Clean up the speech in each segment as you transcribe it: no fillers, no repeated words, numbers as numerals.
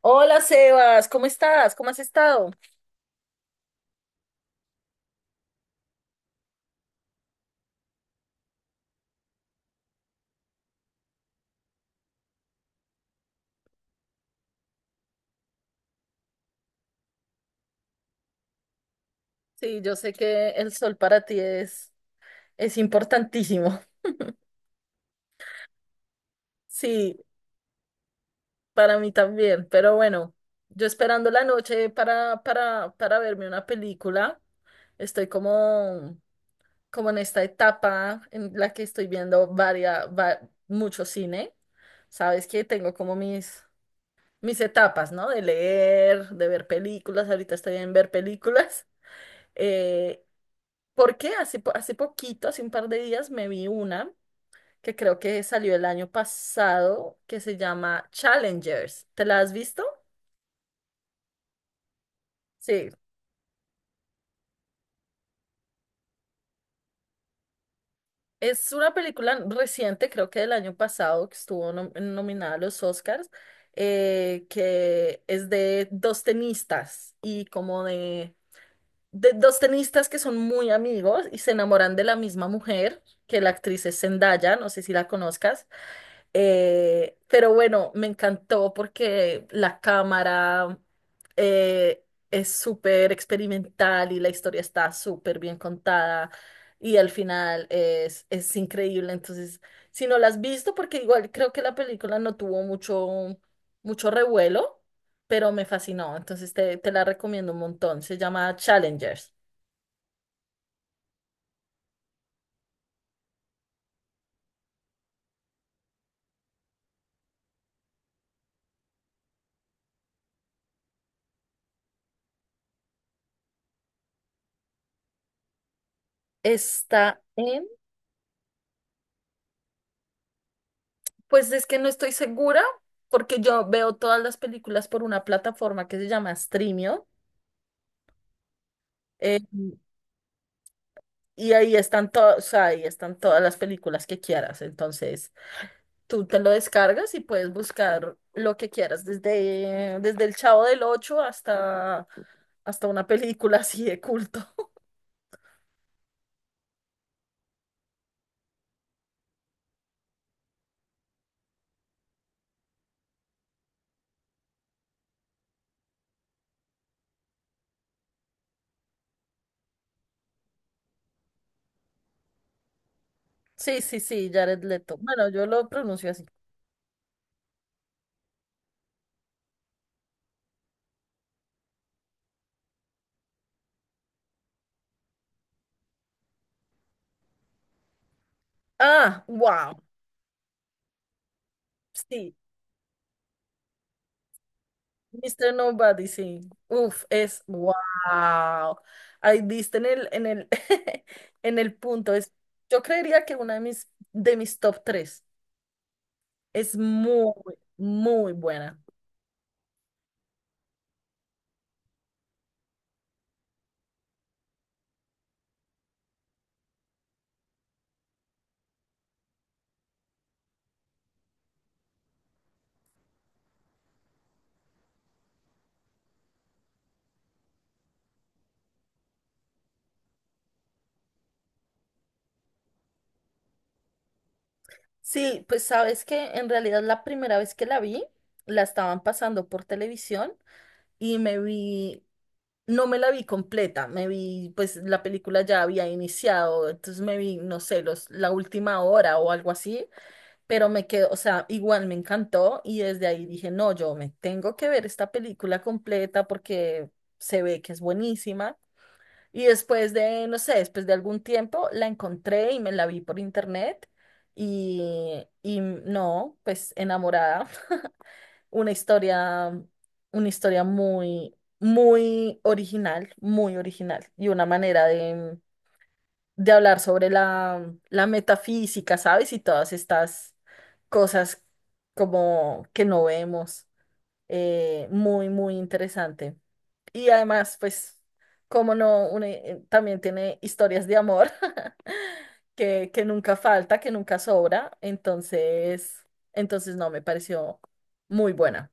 Hola Sebas, ¿cómo estás? ¿Cómo has estado? Sí, yo sé que el sol para ti es importantísimo. Sí, para mí también, pero bueno, yo esperando la noche para verme una película, estoy como, como en esta etapa en la que estoy viendo mucho cine. Sabes que tengo como mis etapas, ¿no? De leer, de ver películas, ahorita estoy en ver películas. Eh, Porque hace poquito, hace un par de días, me vi una que creo que salió el año pasado, que se llama Challengers. ¿Te la has visto? Sí. Es una película reciente, creo que del año pasado, que estuvo nominada a los Oscars, que es de dos tenistas y como de dos tenistas que son muy amigos y se enamoran de la misma mujer, que la actriz es Zendaya, no sé si la conozcas. Pero bueno, me encantó porque la cámara eh, es súper experimental y la historia está súper bien contada y al final es increíble. Entonces, si no la has visto, porque igual creo que la película no tuvo mucho revuelo, pero me fascinó. Entonces, te la recomiendo un montón. Se llama Challengers. Está en pues es que no estoy segura porque yo veo todas las películas por una plataforma que se llama Streamio, eh, y ahí están todas las películas que quieras. Entonces, tú te lo descargas y puedes buscar lo que quieras, desde El Chavo del Ocho hasta, hasta una película así de culto. Sí, sí, sí, Jared Leto. Bueno, yo lo pronuncio así. Ah, wow. Sí, Mr. Nobody, sí. Uf, es wow. Ahí diste en el, en el punto. Es, yo creería que una de de mis top tres es muy, muy buena. Sí, pues sabes que en realidad la primera vez que la vi, la estaban pasando por televisión y me vi, no me la vi completa, me vi, pues la película ya había iniciado, entonces me vi, no sé, la última hora o algo así, pero me quedó, o sea, igual me encantó y desde ahí dije, no, yo me tengo que ver esta película completa porque se ve que es buenísima. Y después de, no sé, después de algún tiempo la encontré y me la vi por internet y no, pues enamorada. Una historia, una historia muy, muy original y una manera de hablar sobre la metafísica, ¿sabes? Y todas estas cosas como que no vemos. Muy, muy interesante. Y además, pues, como no, también tiene historias de amor que nunca falta, que nunca sobra. Entonces no, me pareció muy buena.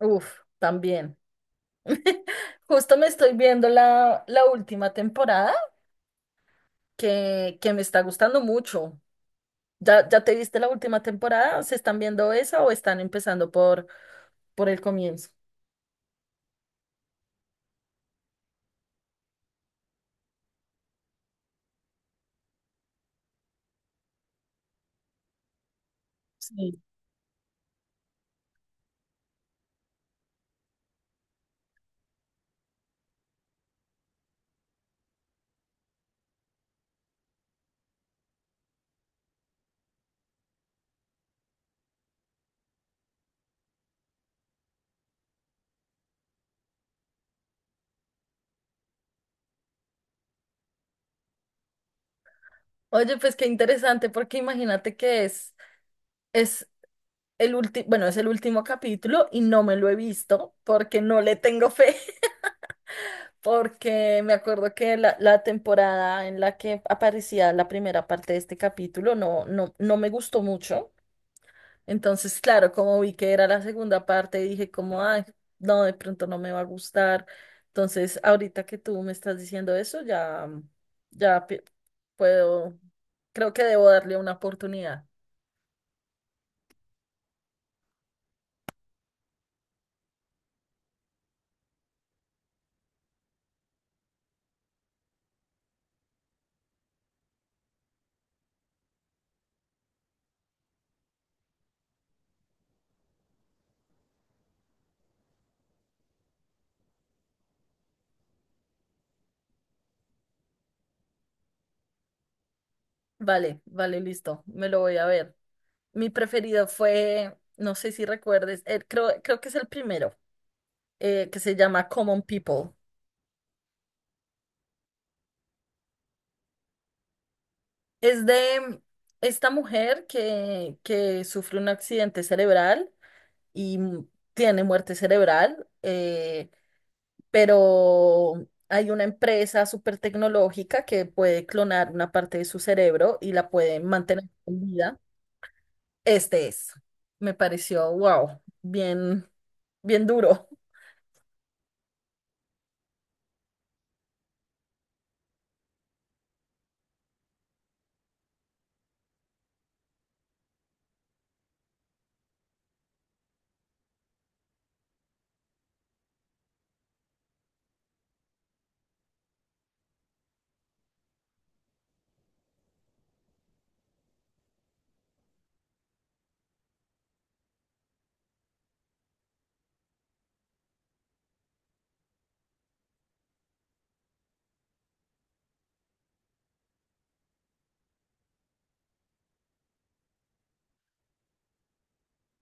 Uf, también. Justo me estoy viendo la última temporada que me está gustando mucho. ¿Ya te viste la última temporada? ¿Se están viendo esa o están empezando por el comienzo? Sí. Oye, pues qué interesante, porque imagínate que es el último, bueno, es el último capítulo y no me lo he visto porque no le tengo fe, porque me acuerdo que la temporada en la que aparecía la primera parte de este capítulo no me gustó mucho. Entonces, claro, como vi que era la segunda parte, dije como, ay, no, de pronto no me va a gustar. Entonces, ahorita que tú me estás diciendo eso, ya pi- puedo, creo que debo darle una oportunidad. Vale, vale, listo, me lo voy a ver. Mi preferido fue, no sé si recuerdes, creo que es el primero, que se llama Common People. Es de esta mujer que sufre un accidente cerebral y m- tiene muerte cerebral, pero hay una empresa súper tecnológica que puede clonar una parte de su cerebro y la puede mantener con vida. Este es, me pareció, wow, bien, bien duro.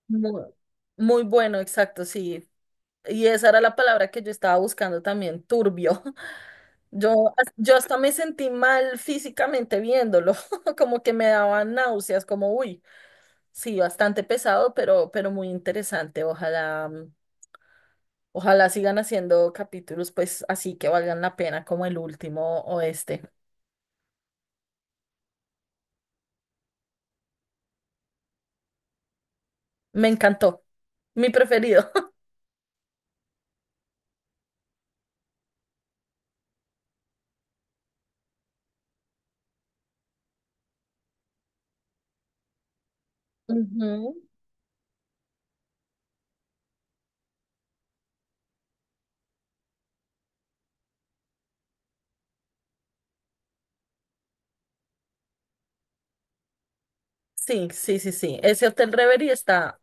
Muy, muy bueno, exacto, sí. Y esa era la palabra que yo estaba buscando también, turbio. Yo, yo hasta me sentí mal físicamente viéndolo, como que me daban náuseas, como, uy. Sí, bastante pesado, pero muy interesante. Ojalá, ojalá sigan haciendo capítulos, pues así que valgan la pena, como el último o este. Me encantó, mi preferido. Ujú. Sí, sí, sí, sí. Ese Hotel Reverie está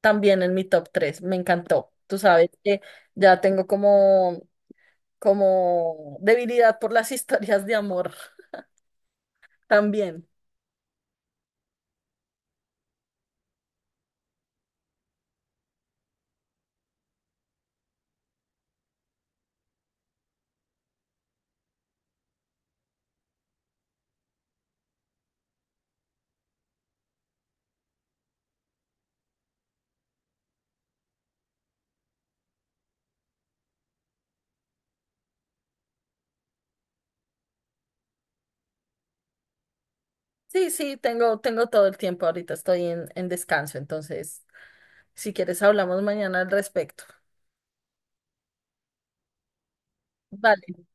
también en mi top tres. Me encantó. Tú sabes que ya tengo como, como debilidad por las historias de amor también. Sí, sí, tengo, tengo todo el tiempo. Ahorita estoy en descanso, entonces, si quieres, hablamos mañana al respecto. Vale,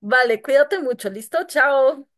vale, cuídate mucho, ¿listo? Chao.